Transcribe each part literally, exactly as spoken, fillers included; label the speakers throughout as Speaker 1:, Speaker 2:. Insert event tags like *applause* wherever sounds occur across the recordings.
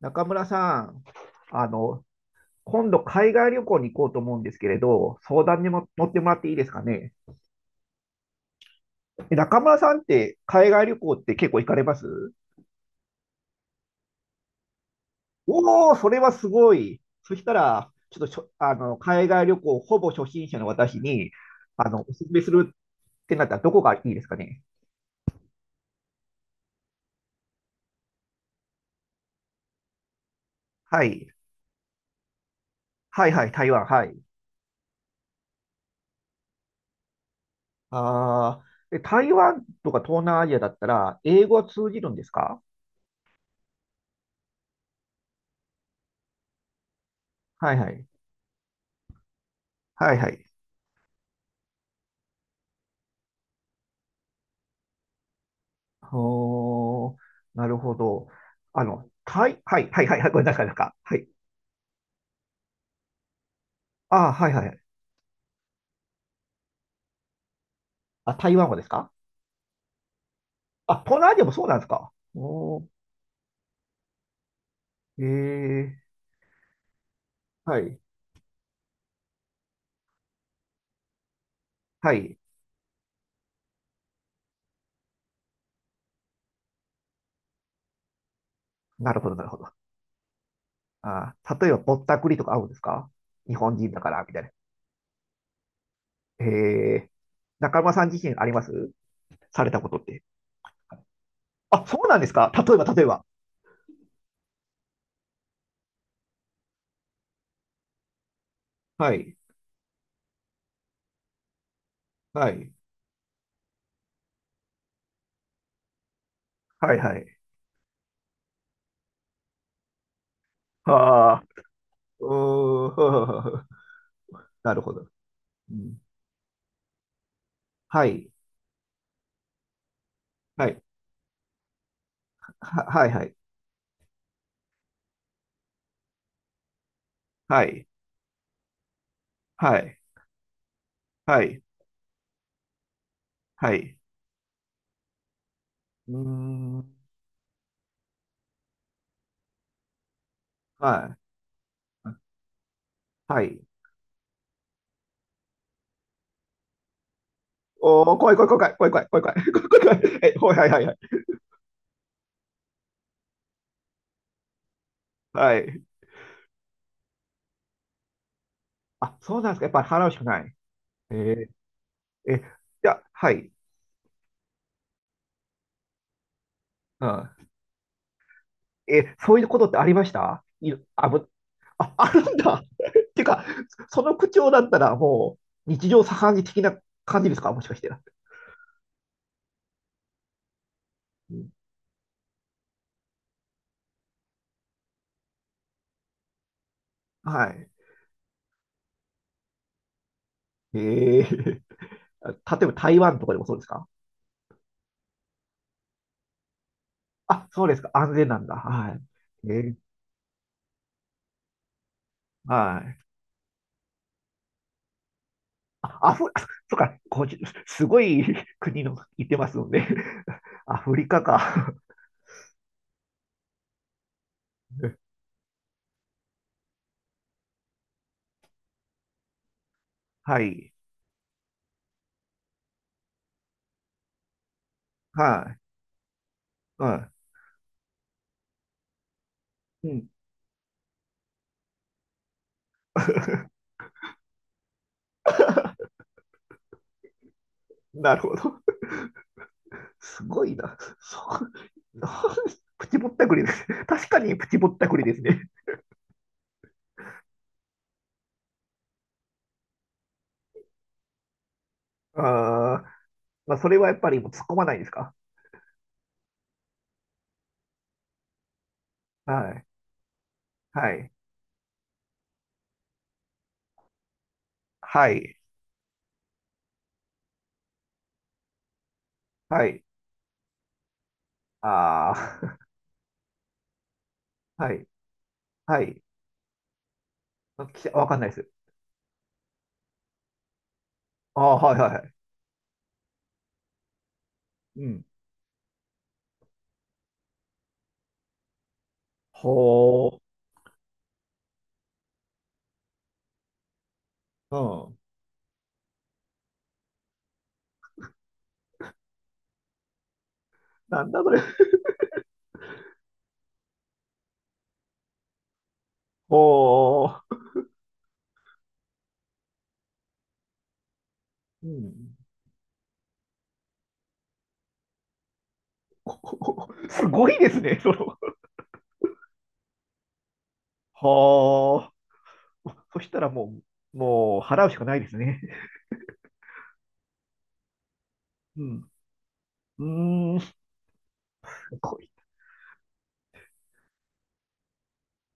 Speaker 1: 中村さん、あの、今度海外旅行に行こうと思うんですけれど、相談にも乗ってもらっていいですかね。え中村さんって海外旅行って結構行かれます？おおー、それはすごい。そしたら、ちょっとしょ、あの、海外旅行ほぼ初心者の私に、あの、おすすめするってなったらどこがいいですかね。はい。はいはい、台湾、はい。ああ、で台湾とか東南アジアだったら、英語は通じるんですか？はいはい。はいはい。おー、なるほど。あの、台、はい、はい、はい、はい、これなかなか。はい。あー、はい、はい。あ、台湾語ですか？あ、東南アジアもそうなんですか？おー、えー、はい、はい。なるほど、なるほど。あー、例えばぼったくりとか合うんですか？日本人だから、みたいな。えー、中村さん自身あります？されたことって。あ、そうなんですか？例えば、例えば。はい、はい、はい、はい。あー、うーん、*laughs* なるほど。うん、はい、はい、は、はい、はい。はい、はい、はい、はい、うーん。はい、はい。おー、怖い、怖い、怖い、怖い、怖い、怖い、怖い、怖い、怖い、怖いえ、はい、はい、はい、はい。はい、あ、そうなんですか。やっぱり払うしかない。えー、え、じゃあ、はい、うん。え、そういうことってありました？い、あ、ぶ、あ、あるんだ。*laughs* っていうか、その口調だったら、もう、日常茶飯事的な感じですか？もしかして。うん、はい。えー、*laughs* 例えば台湾とかでもそうですか？あ、そうですか。安全なんだ。はい。えはい。あ、アフ、あそっか、こじ、すごい *laughs* 国の言ってますので *laughs* アフリカか *laughs* はい。はい。はい。うん。*laughs* なるほど。すごいな。そう。*laughs* プチぼったくりです。確かにプチぼったくりですね。あー、まあ、それはやっぱりもう突っ込まないですか？はい。はい。はい。はい。ああ、*laughs* はい。はい。あ、きわかんないです。ああ、はいはいはい。うん。ほう。うん。なんだそれ。おー。うん。*laughs* すごいですね、その。はあ。そしたらもう、もう払うしかないですね。うん。うーん。こい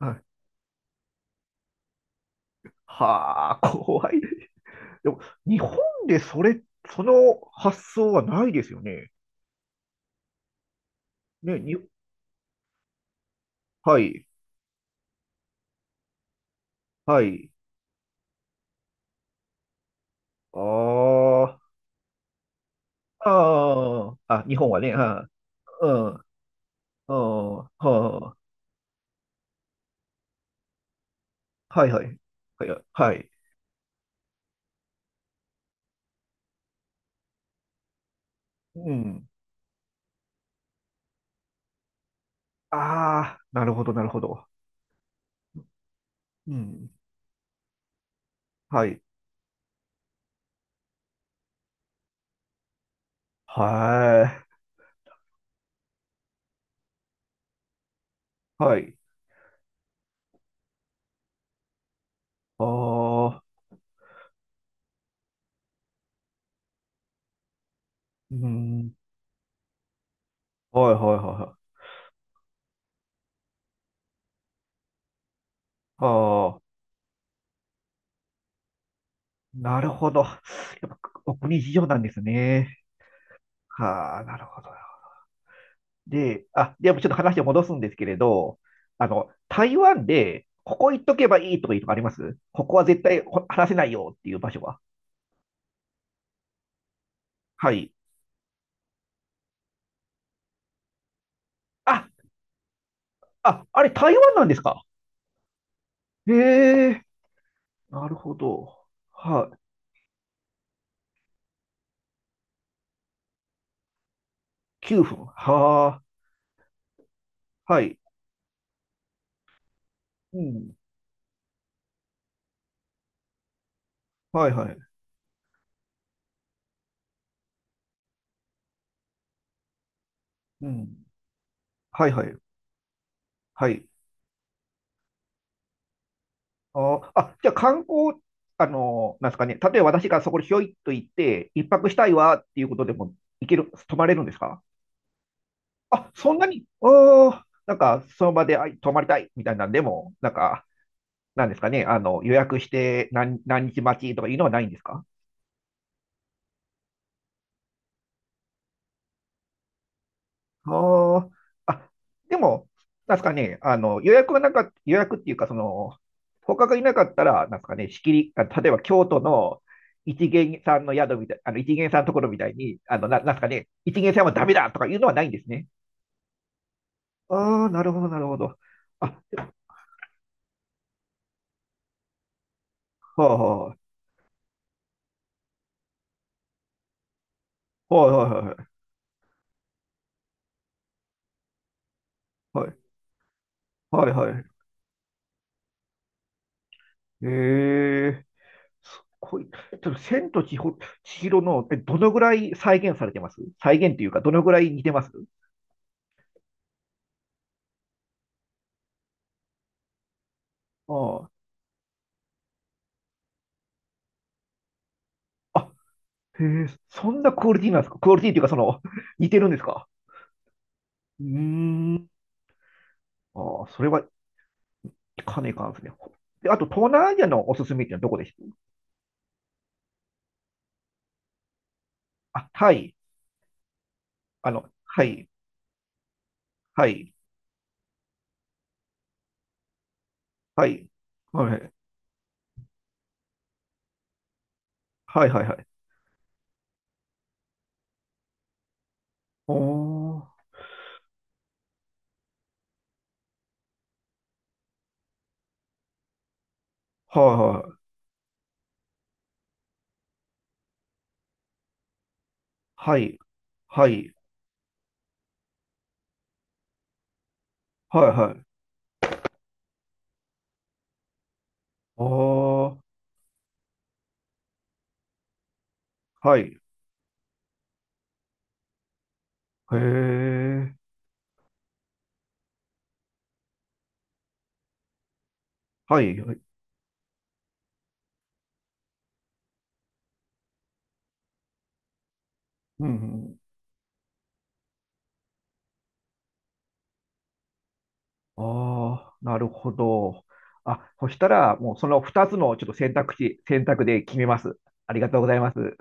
Speaker 1: はい。はあ、怖い。でも、日本でそれ、その発想はないですよね。ね、に、はい、はい。ああ、ああ、あ、日本はね、ああ、うん、うん、はあ、はい、はい、はい、はい。うん。ああ、なるほど、なるほど。うん。はい。はい。はい。ああ、うん。はいはいはいはい。ああ、なるほど。やっぱお国事情なんですね。はあ、なるほど。で、あ、でもちょっと話を戻すんですけれど、あの、台湾で、ここ行っとけばいいとかいうとかあります？ここは絶対ほ話せないよっていう場所は。はい。あ、あ、あれ台湾なんですか？へえ、なるほど。はい、きゅうふん。はあ、はい。うん。はいはい。うん。はいはい。はい。ああ、じゃあ観光、あの、なんですかね。例えば私がそこにひょいっと行って、一泊したいわっていうことでも行ける、泊まれるんですか？あ、そんなに、おあ、なんかその場であ泊まりたいみたいなんでも、なんか、なんですかね。あの、予約して何、何日待ちとかいうのはないんですか？ああ、あ、でも、なんすかね、あの、予約がなかっ予約っていうか、その、他がいなかったら、なんすかね、仕切り、あ、例えば京都の一元さんの宿みたい、あの、一元さんのところみたいに、あの、な、なんすかね、一元さんはダメだとかいうのはないんですね。ああ、なるほど、なるほど。あ、はあ、はいはいはいはい、はいはいはい。ええ、すごい。ちょっと、千と千穂千尋の、え、どのぐらい再現されてます？再現っていうか、どのぐらい似てます？ああ。へえ、そんなクオリティなんですか？クオリティっていうか、その、*laughs* 似てるんですか？うーん。ああ、それはかねかんですね。ほで、あと、東南アジアのおすすめってのはどこです？あ、タイ。あの、はい、はい、はい、はい、はい、はい、はい。おー、はい、はい、はい、はい、はい、はい。おー、はい、へえ、はい、はい。うん、うん、ああ、なるほど。あ、そしたら、もうそのふたつのちょっと選択肢、選択で決めます。ありがとうございます。